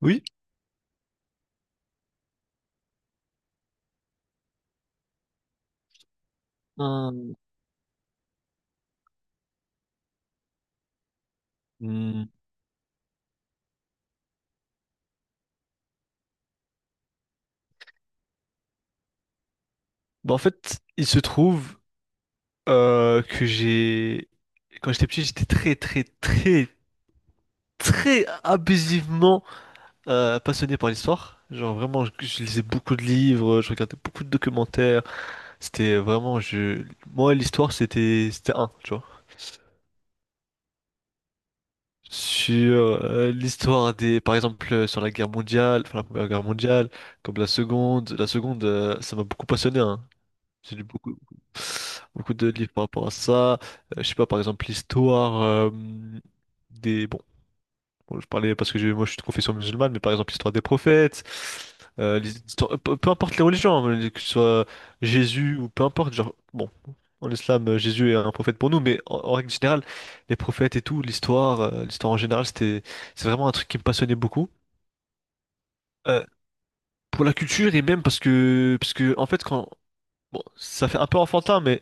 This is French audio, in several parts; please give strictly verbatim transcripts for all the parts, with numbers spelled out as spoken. Oui. Un- Hmm. Bah, en fait, il se trouve euh, que j'ai... Quand j'étais petit, j'étais très, très, très, très abusivement euh, passionné par l'histoire. Genre, vraiment, je, je lisais beaucoup de livres, je regardais beaucoup de documentaires. C'était vraiment... Je... Moi, l'histoire, c'était c'était un, tu vois. Sur euh, l'histoire des... Par exemple, euh, sur la guerre mondiale, enfin, la première guerre mondiale, comme la seconde. La seconde, euh, ça m'a beaucoup passionné, hein. J'ai lu beaucoup, beaucoup de livres par rapport à ça. Euh, je sais pas, par exemple, l'histoire euh, des... Bon, bon, je parlais parce que j'ai- moi je suis de confession musulmane, mais par exemple, l'histoire des prophètes, euh, l'histoire- peu, peu importe les religions, hein, que ce soit Jésus ou peu importe, genre, bon, en islam, euh, Jésus est un prophète pour nous, mais en, en règle générale, les prophètes et tout, l'histoire, euh, l'histoire en général, c'était, c'est vraiment un truc qui me passionnait beaucoup. Euh, pour la culture et même parce que, parce que en fait, quand... Bon, ça fait un peu enfantin, mais...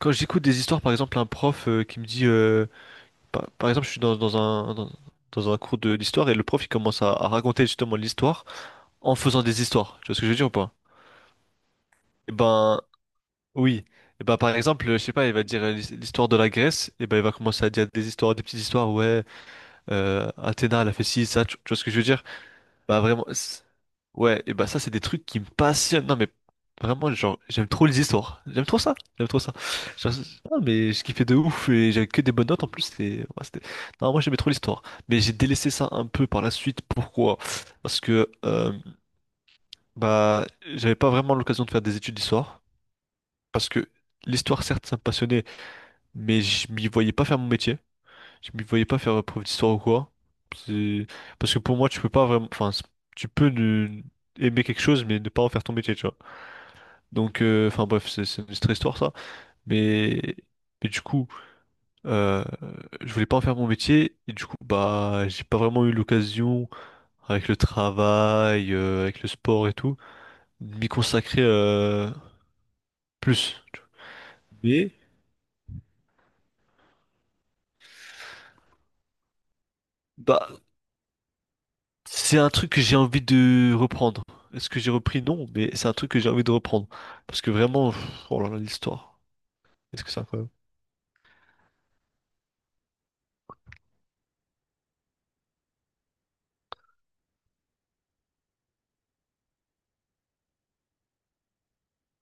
Quand j'écoute des histoires, par exemple, un prof euh, qui me dit, euh, par, par exemple, je suis dans, dans un, dans, dans un cours de- d'histoire et le prof il commence à, à raconter justement l'histoire en faisant des histoires. Tu vois ce que je veux dire ou pas? Eh ben, oui. Eh ben, par exemple, je sais pas, il va dire euh, l'his- l'histoire de la Grèce, et ben, il va commencer à dire des histoires, des petites histoires, ouais, euh, Athéna, elle a fait ci, ça, tu, tu vois ce que je veux dire? Bah vraiment, c- ouais, et bah ça c'est des trucs qui me passionnent. Non mais vraiment, genre, j'aime trop les histoires. J'aime trop ça, j'aime trop ça. Genre, c'est- ah, mais je kiffais de ouf et j'avais que des bonnes notes en plus. c'est- ouais, c'était- Non, moi j'aimais trop l'histoire. Mais j'ai délaissé ça un peu par la suite. Pourquoi? Parce que euh, bah j'avais pas vraiment l'occasion de faire des études d'histoire. Parce que l'histoire, certes, ça me passionnait, mais je m'y voyais pas faire mon métier. Je m'y voyais pas faire prof d'histoire ou quoi. C'est- Parce que pour moi, tu peux pas vraiment. Enfin, c'est- tu peux ne- aimer quelque chose, mais ne pas en faire ton métier, tu vois. Donc, euh, enfin, bref, c'est c'est une autre histoire, ça. Mais, mais du coup, euh, je voulais pas en faire mon métier. Et du coup, bah, j'ai pas vraiment eu l'occasion, avec le travail, euh, avec le sport et tout, de m'y consacrer euh, plus. Tu vois. Mais, bah, C'est un truc que j'ai envie de reprendre. Est-ce que j'ai repris? Non, mais c'est un truc que j'ai envie de reprendre. Parce que vraiment, pff, oh là là, l'histoire. Est-ce que c'est incroyable?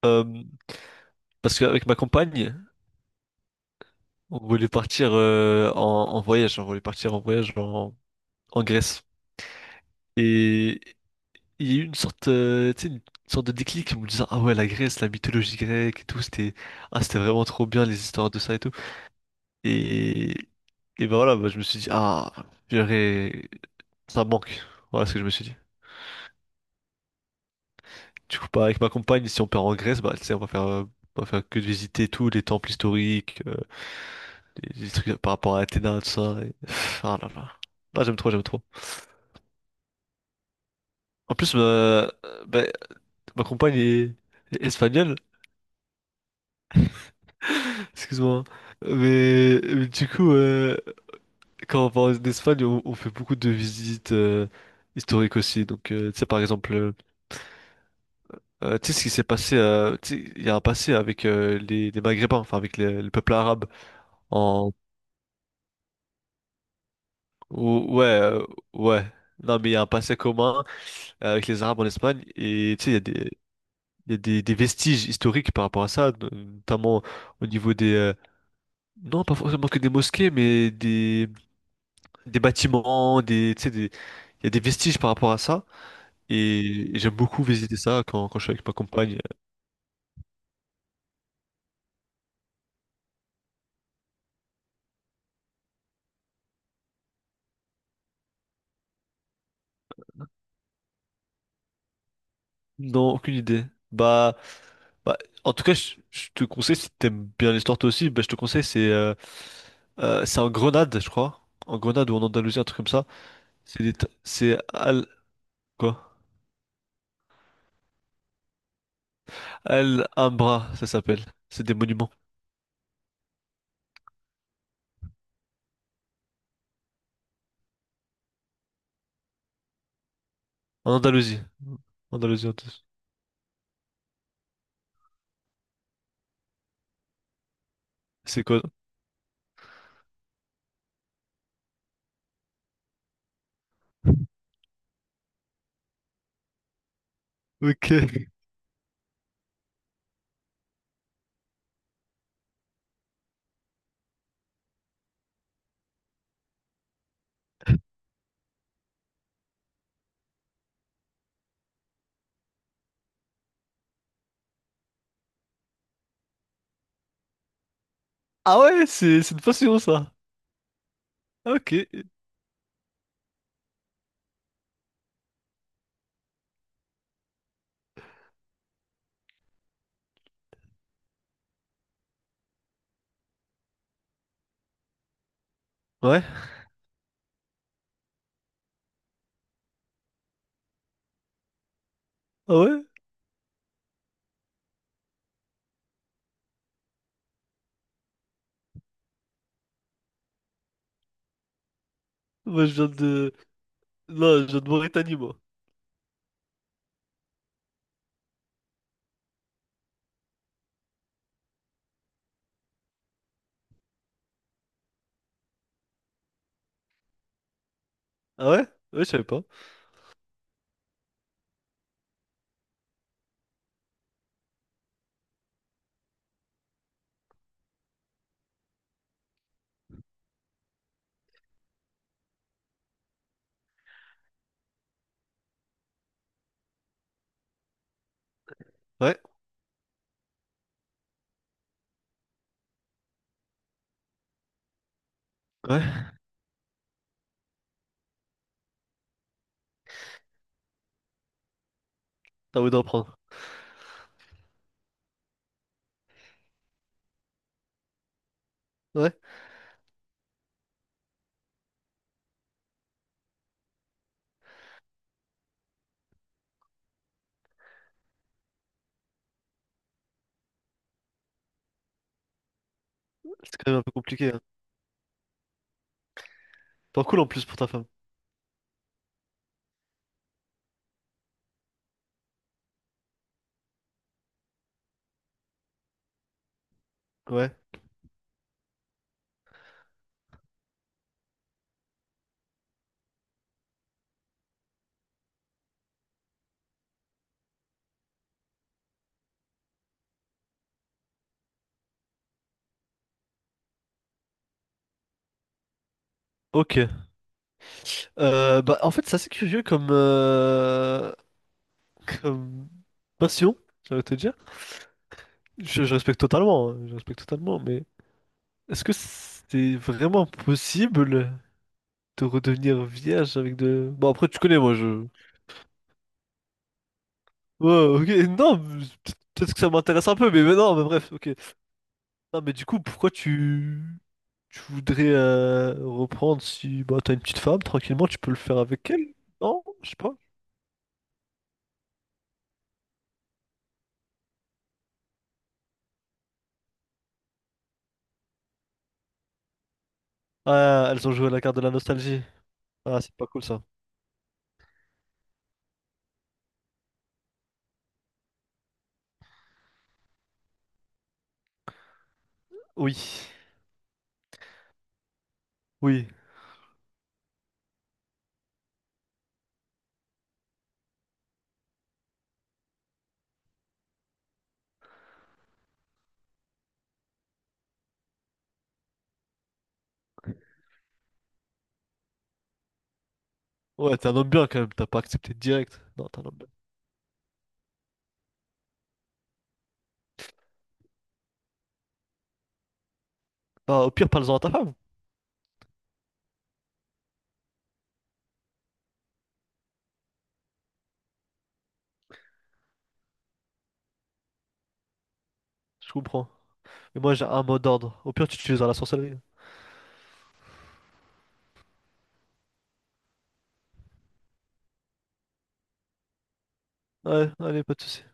Euh, Parce qu'avec ma compagne, on voulait partir euh, en, en voyage. On voulait partir en voyage en, en Grèce. Et il y a eu une sorte, euh, tu sais, une sorte de déclic en me disant, ah ouais, la Grèce, la mythologie grecque et tout, c'était, ah, c'était vraiment trop bien les histoires de ça et tout. Et, et ben voilà, bah, je me suis dit, ah, j'aurais, ça manque. Voilà ce que je me suis dit. Du coup, bah, avec ma compagne, si on part en Grèce, bah, tu sais, on va faire, euh, on va faire que de visiter tous les temples historiques, euh, les, les trucs par rapport à Athéna, tout ça. et- Ah là là. Ah, j'aime trop, j'aime trop. En plus, ma, bah, ma compagne est, est espagnole, excuse-moi. Hein. Mais, mais du coup, euh, quand on va en Espagne, on, on fait beaucoup de visites euh, historiques aussi. Donc, euh, tu sais, par exemple, euh, euh, tu sais ce qui s'est passé, euh, tu sais, il y a un passé avec euh, les, les Maghrébins, enfin avec les- le peuple arabe. En, Ou- Ouais, euh, ouais. Non, mais il y a un passé commun euh, avec les Arabes en Espagne et tu sais, il y a des, il y a des, des vestiges historiques par rapport à ça, no- notamment au niveau des... euh, non, pas forcément que des mosquées, mais des, des bâtiments, des, tu sais, des, il y a des vestiges par rapport à ça et, et j'aime beaucoup visiter ça quand, quand je suis avec ma compagne. Non, aucune idée. Bah, bah, en tout cas, je, je te conseille, si t'aimes bien l'histoire toi aussi, bah, je te conseille, c'est euh, euh, c'est en Grenade, je crois. En Grenade ou en Andalousie, un truc comme ça. C'est des... ta- C'est Al... Quoi? Alhambra, ça s'appelle. C'est des monuments. En Andalousie. Andalousie, Andalousie. C'est quoi? Ok. Ah ouais, c'est c'est une passion, ça. Ah, ok. Ouais. Ah ouais? Moi, je viens de... Non, je viens de Mauritanie, moi. Ah ouais? Ouais, je savais pas. Ouais. Ouais. T'as envie d'en prendre. Ouais. C'est quand même un peu compliqué, hein. Pas cool, en plus, pour ta femme. Ouais. Ok. Euh, bah, en fait, c'est assez curieux comme... euh, Comme... Passion, j'allais te dire. Je, je respecte totalement, hein, je respecte totalement, mais est-ce que c'est vraiment possible de redevenir vierge avec de... Bon, après, tu connais, moi, je... Ouais, ok, non, mais peut- peut-être que ça m'intéresse un peu, mais, mais non, mais bref, ok. Non, mais du coup, pourquoi tu... Tu voudrais euh, reprendre si... Bah, t'as une petite femme, tranquillement, tu peux le faire avec elle? Non, je sais pas. Ah, elles ont joué à la carte de la nostalgie. Ah, c'est pas cool, ça. Oui, oui. Ouais, t'es un homme bien, quand même, t'as pas accepté direct. Non, t'es un homme bien. Bah, au pire, parle-en à ta femme, je comprends. Et moi, j'ai un mot d'ordre. Au pire, tu utiliseras la sorcellerie. Ouais, allez, pas de soucis.